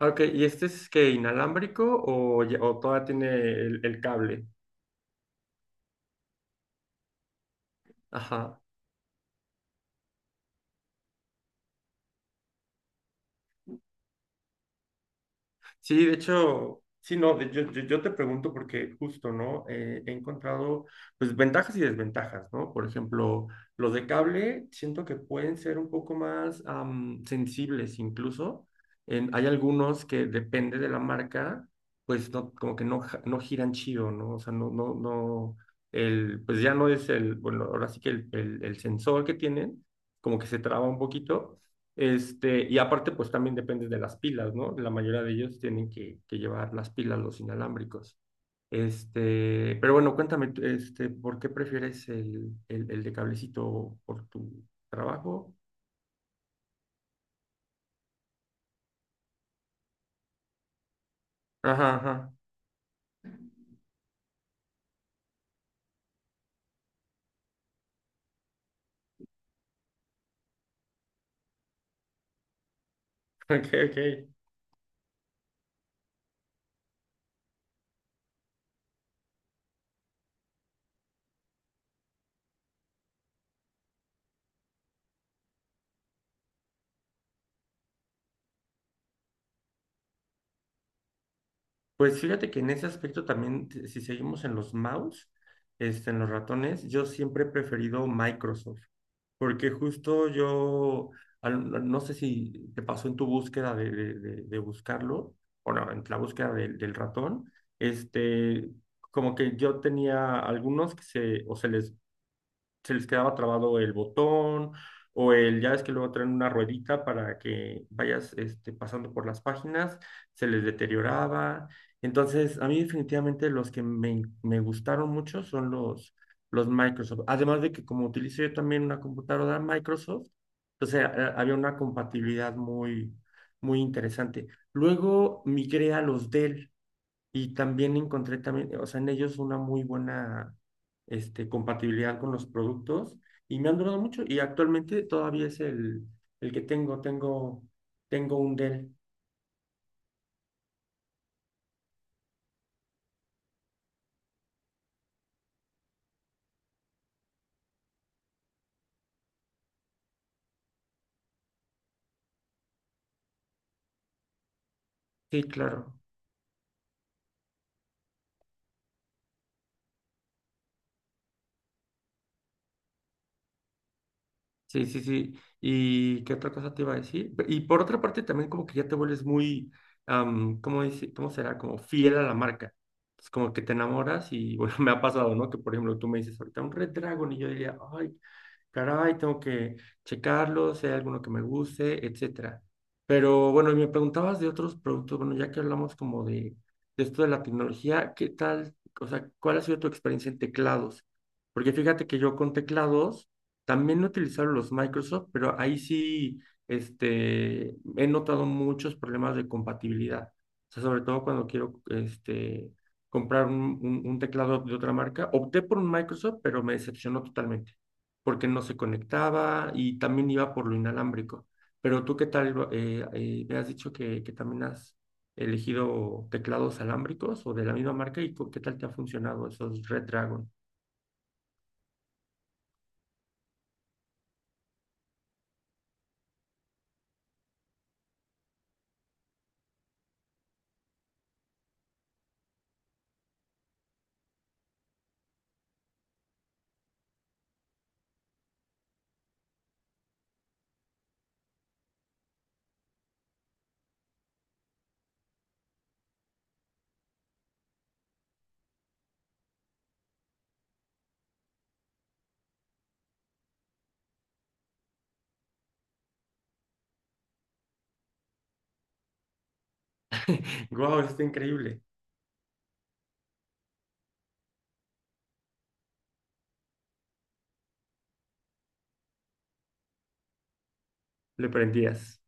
Ah, ok, ¿y este es que inalámbrico o, ya- o todavía tiene el cable? Ajá. Sí, de hecho, sí, no, de- yo te pregunto porque justo, ¿no? He encontrado, pues, ventajas y desventajas, ¿no? Por ejemplo, los de cable siento que pueden ser un poco más sensibles incluso. En- hay algunos que depende de la marca, pues, no, como que no, ja- no giran chido, ¿no? O sea, no, el, pues ya no es el, bueno, ahora sí que el sensor que tienen, como que se traba un poquito. Este, y aparte, pues también depende de las pilas, ¿no? La mayoría de ellos tienen que llevar las pilas, los inalámbricos. Este, pero bueno, cuéntame, este, ¿por qué prefieres el de cablecito por tu trabajo? Ajá, ajá. Ok, ok. Pues fíjate que en ese aspecto también, te- si seguimos en los mouse, este, en los ratones, yo siempre he preferido Microsoft. Porque justo yo, al- no sé si te pasó en tu búsqueda de buscarlo, o no, en la búsqueda del ratón, este, como que yo tenía algunos que se, o se les quedaba trabado el botón o el, ya ves que luego traen una ruedita para que vayas este, pasando por las páginas, se les deterioraba. Entonces, a mí definitivamente los que me gustaron mucho son los Microsoft. Además de que como utilizo yo también una computadora Microsoft, entonces a- había una compatibilidad muy, muy interesante. Luego migré a los Dell. Y también encontré también, o sea, en ellos una muy buena este, compatibilidad con los productos y me han durado mucho y actualmente todavía es el que tengo, tengo un Dell. Sí, claro. Sí, sí, sí. ¿Y qué otra cosa te iba a decir? Pe- y por otra parte también como que ya te vuelves muy, ¿cómo dice, cómo será? Como fiel a la marca. Es como que te enamoras y bueno, me ha pasado, ¿no? Que por ejemplo tú me dices ahorita un Red Dragon y yo diría, ay, caray, tengo que checarlo, si hay alguno que me guste, etcétera. Pero bueno, y me preguntabas de otros productos, bueno, ya que hablamos como de esto de la tecnología, ¿qué tal? O sea, ¿cuál ha sido tu experiencia en teclados? Porque fíjate que yo con teclados también he utilizado los Microsoft, pero ahí sí, este, he notado muchos problemas de compatibilidad. O sea, sobre todo cuando quiero, este, comprar un, un teclado de otra marca. Opté por un Microsoft, pero me decepcionó totalmente porque no se conectaba y también iba por lo inalámbrico. Pero tú, ¿qué tal? Me has dicho que también has elegido teclados alámbricos o de la misma marca y cu- ¿qué tal te ha funcionado esos Red Dragon? ¡Guau! Está increíble. Le prendías.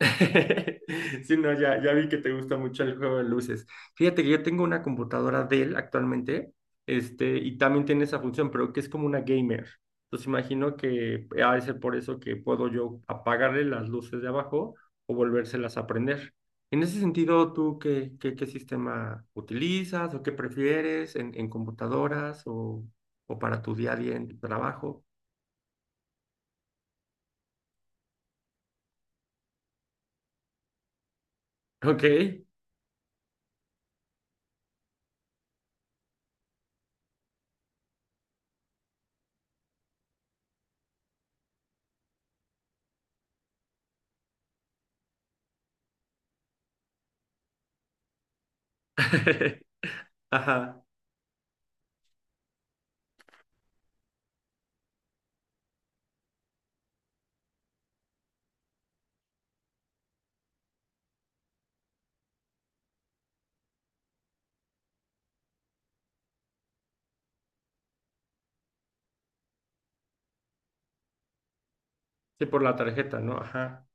Sí, no, ya, ya vi que te gusta mucho el juego de luces. Fíjate que yo tengo una computadora Dell actualmente, este, y también tiene esa función, pero que es como una gamer. Entonces imagino que ha de ser por eso que puedo yo apagarle las luces de abajo o volvérselas a prender. En ese sentido, ¿tú qué sistema utilizas o qué prefieres en computadoras o para tu día a día en tu trabajo? Ok. Ajá. Sí, por la tarjeta, ¿no? Ajá.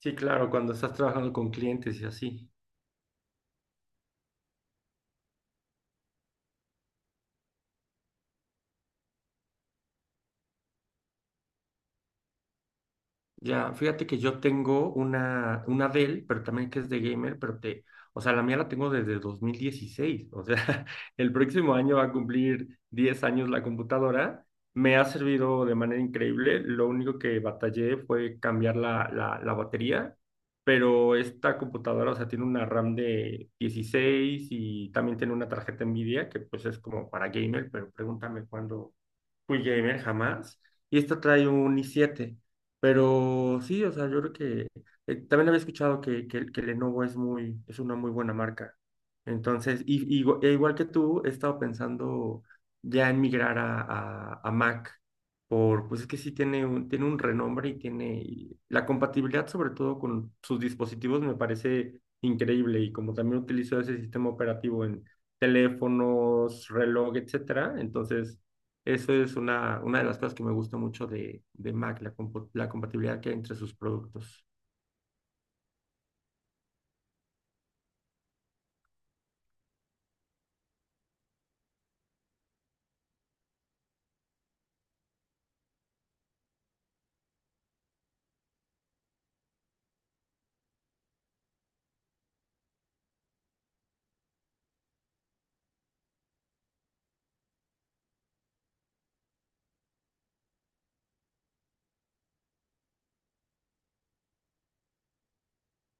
Sí, claro, cuando estás trabajando con clientes y así. Ya, fíjate que yo tengo una Dell, pero también que es de gamer, pero te, o sea, la mía la tengo desde 2016. O sea, el próximo año va a cumplir 10 años la computadora. Me ha servido de manera increíble. Lo único que batallé fue cambiar la batería, pero esta computadora, o sea, tiene una RAM de 16 y también tiene una tarjeta NVIDIA, que pues es como para gamer, pero pregúntame cuándo fui gamer jamás. Y esta trae un i7. Pero sí, o sea, yo creo que también había escuchado que Lenovo es muy, es una muy buena marca. Entonces, y igu- e igual que tú, he estado pensando ya en migrar a, a Mac. Por, pues es que sí tiene un renombre y tiene y la compatibilidad, sobre todo con sus dispositivos, me parece increíble. Y como también utilizo ese sistema operativo en teléfonos, reloj, etcétera, entonces eso es una de las cosas que me gusta mucho de Mac, la, compo- la compatibilidad que hay entre sus productos.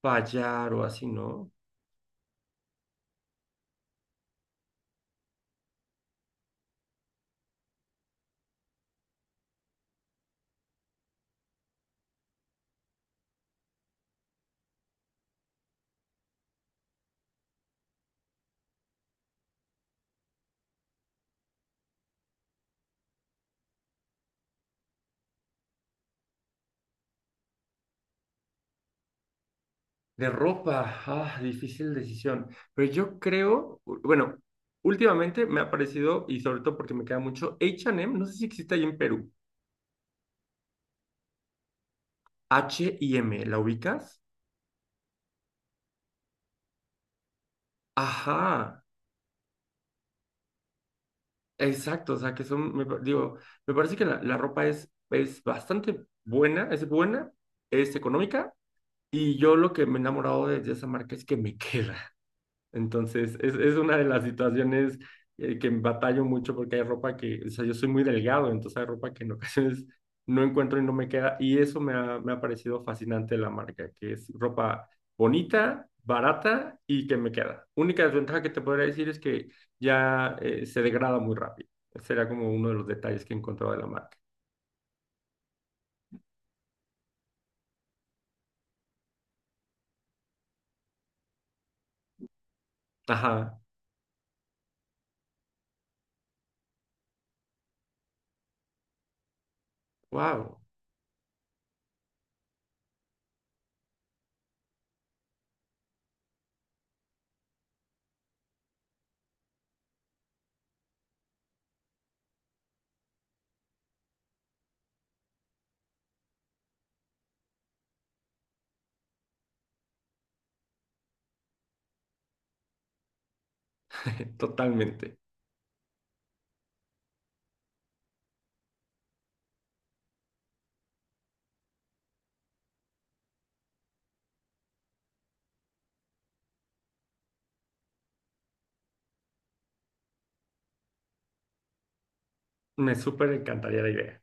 Fallar o así, ¿no? De ropa, ah, difícil decisión. Pero yo creo, u- bueno, últimamente me ha parecido, y sobre todo porque me queda mucho, H&M, no sé si existe ahí en Perú. H y M, ¿la ubicas? Ajá, exacto, o sea que son, me pa- digo, me parece que la ropa es bastante buena, es económica. Y yo lo que me he enamorado de esa marca es que me queda. Entonces, es una de las situaciones que batallo mucho porque hay ropa que, o sea, yo soy muy delgado, entonces hay ropa que en ocasiones no encuentro y no me queda. Y eso me ha parecido fascinante de la marca, que es ropa bonita, barata y que me queda. Única desventaja que te podría decir es que ya se degrada muy rápido. Ese era como uno de los detalles que he encontrado de la marca. Ajá, wow, totalmente. Me súper encantaría la idea.